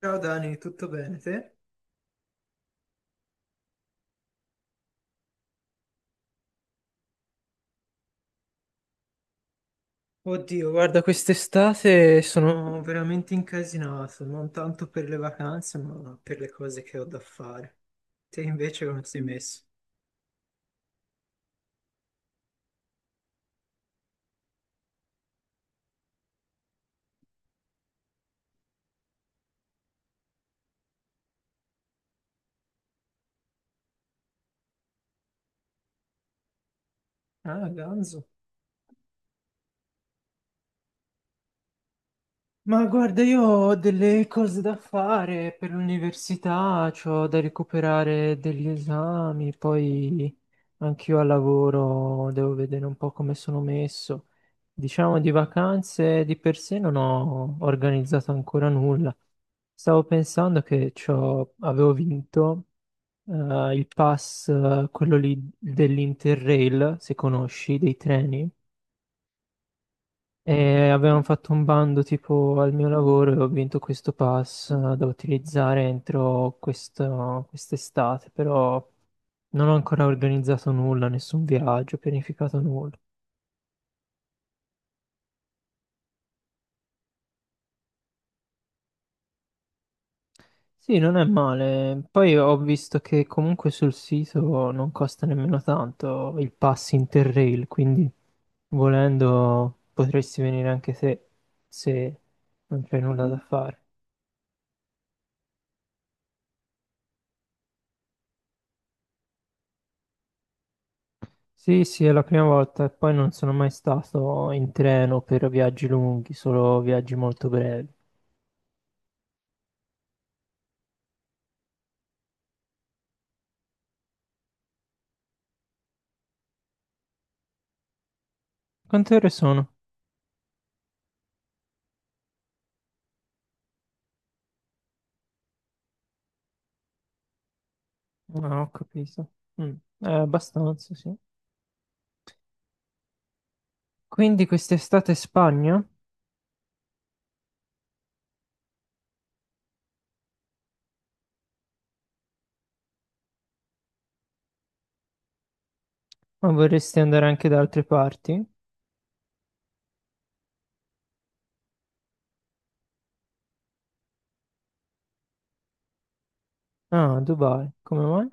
Ciao Dani, tutto bene te? Oddio, guarda, quest'estate sono veramente incasinato, non tanto per le vacanze, ma per le cose che ho da fare. Te invece come sei messo? Ah, ganzo. Ma guarda, io ho delle cose da fare per l'università, ho da recuperare degli esami, poi anch'io al lavoro devo vedere un po' come sono messo. Diciamo di vacanze di per sé non ho organizzato ancora nulla. Stavo pensando che avevo vinto il pass, quello lì dell'Interrail, se conosci, dei treni. E avevano fatto un bando tipo al mio lavoro e ho vinto questo pass da utilizzare entro quest'estate, però non ho ancora organizzato nulla, nessun viaggio, pianificato nulla. Sì, non è male. Poi ho visto che comunque sul sito non costa nemmeno tanto il pass Interrail, quindi volendo potresti venire anche te se non c'è nulla da fare. Sì, sì, è la prima volta e poi non sono mai stato in treno per viaggi lunghi, solo viaggi molto brevi. Quante ore sono? Ah, ho capito. Mm, abbastanza, sì. Quindi quest'estate Spagna? Ma vorresti andare anche da altre parti? Ah, Dubai, come mai?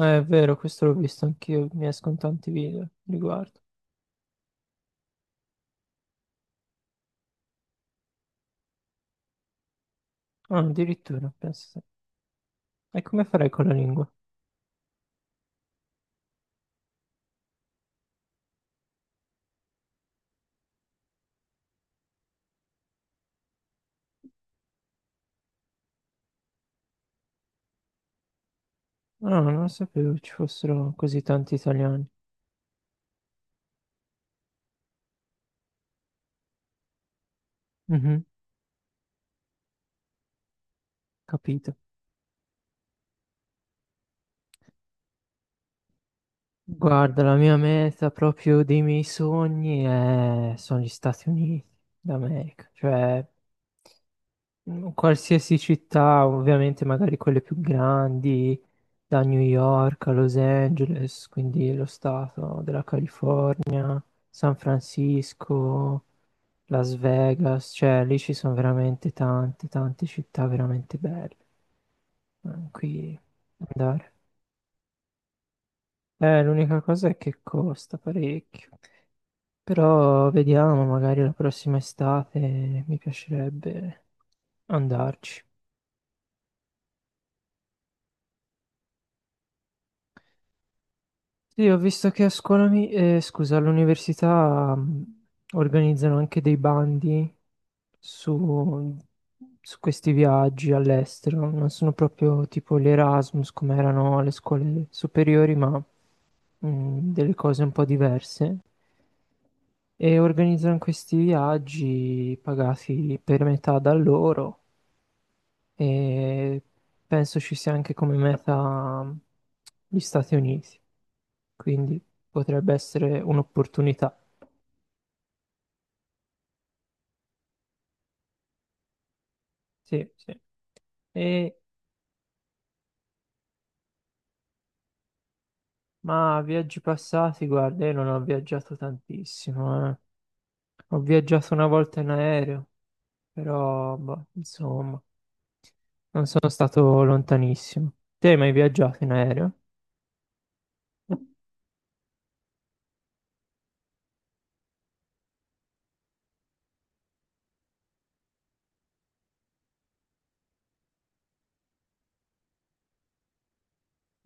È vero, questo l'ho visto anch'io, mi escono tanti video a riguardo. Ah, addirittura, penso. Sì. E come farei con la lingua? Ah, non sapevo ci fossero così tanti italiani. Mhm. Capito. Guarda, la mia meta proprio dei miei sogni sono gli Stati Uniti d'America, cioè qualsiasi città, ovviamente magari quelle più grandi, da New York a Los Angeles, quindi lo stato della California, San Francisco, Las Vegas, cioè lì ci sono veramente tante, tante città veramente belle. Qui andare. L'unica cosa è che costa parecchio. Però vediamo, magari la prossima estate mi piacerebbe andarci. Sì, ho visto che a scuola, scusa, all'università organizzano anche dei bandi su, su questi viaggi all'estero. Non sono proprio tipo gli Erasmus come erano alle scuole superiori, ma delle cose un po' diverse. E organizzano questi viaggi pagati per metà da loro, e penso ci sia anche come meta gli Stati Uniti, quindi potrebbe essere un'opportunità. Sì, sì. E- ma viaggi passati, guarda, io non ho viaggiato tantissimo, eh. Ho viaggiato una volta in aereo, però, boh, insomma, non sono stato lontanissimo. Te hai mai viaggiato in aereo?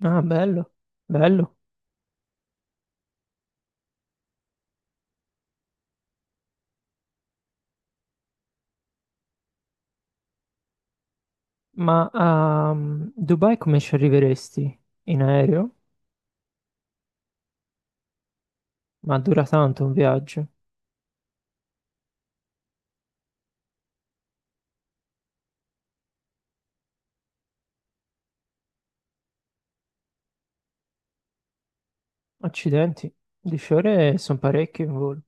Ah, bello, bello. Ma a Dubai come ci arriveresti? In aereo? Ma dura tanto un viaggio. Accidenti, 10 ore sono parecchie in volo.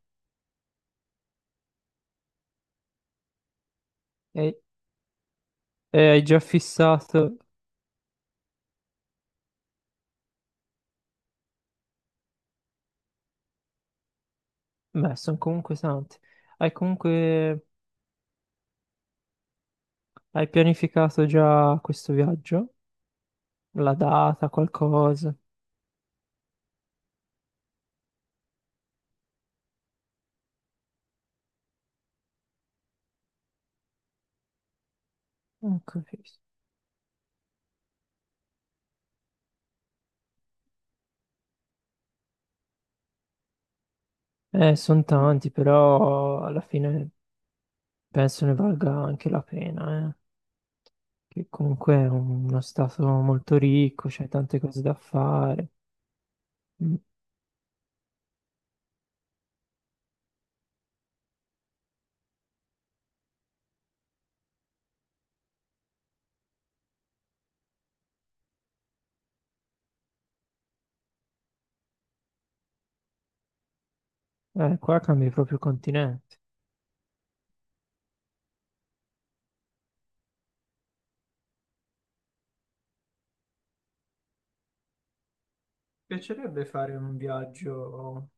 E, e hai già fissato... Beh, sono comunque tante. Hai comunque... Hai pianificato già questo viaggio? La data, qualcosa? Non capisco. Sono tanti, però alla fine penso ne valga anche la pena, eh. Che comunque è uno stato molto ricco, c'è tante cose da fare. Mm. Qua cambi proprio continente. Piacerebbe fare un viaggio,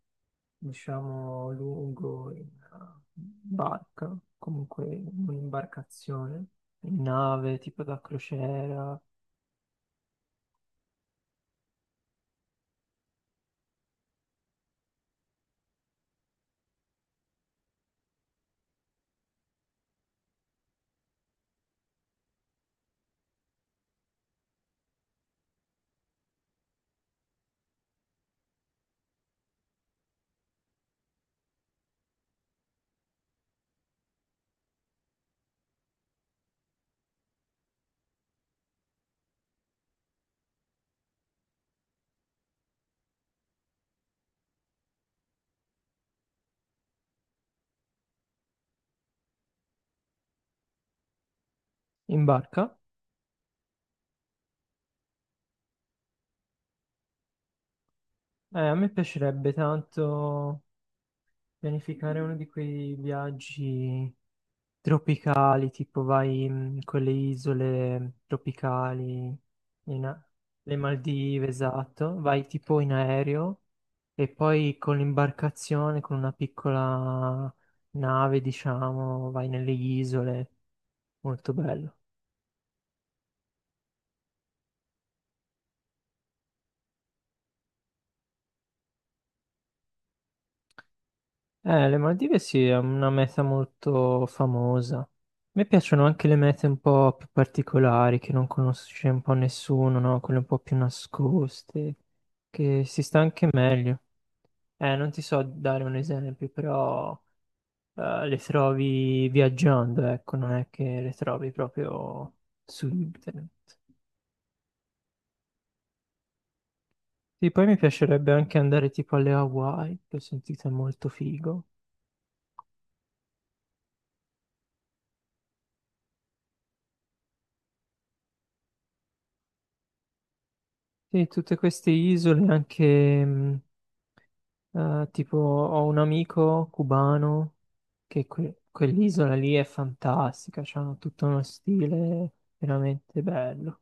diciamo, lungo in barca, comunque in un'imbarcazione, in nave, tipo da crociera, in barca. A me piacerebbe tanto pianificare uno di quei viaggi tropicali, tipo vai con le isole tropicali, in a- le Maldive, esatto, vai tipo in aereo. E poi con l'imbarcazione, con una piccola nave, diciamo, vai nelle isole, molto bello. Le Maldive sì, è una meta molto famosa. A me piacciono anche le mete un po' più particolari, che non conosce un po' nessuno, no? Quelle un po' più nascoste, che si sta anche meglio. Non ti so dare un esempio, però le trovi viaggiando, ecco, non è che le trovi proprio su internet. Sì, poi mi piacerebbe anche andare tipo alle Hawaii, che ho sentito è molto figo. Sì, tutte queste isole anche, tipo ho un amico cubano quell'isola lì è fantastica, hanno tutto uno stile veramente bello.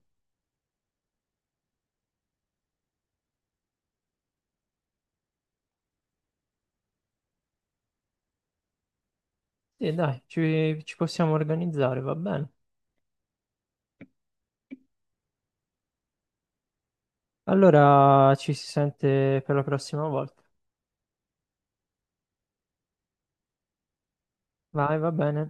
E dai, ci possiamo organizzare, va bene. Allora ci si sente per la prossima volta. Vai, va bene.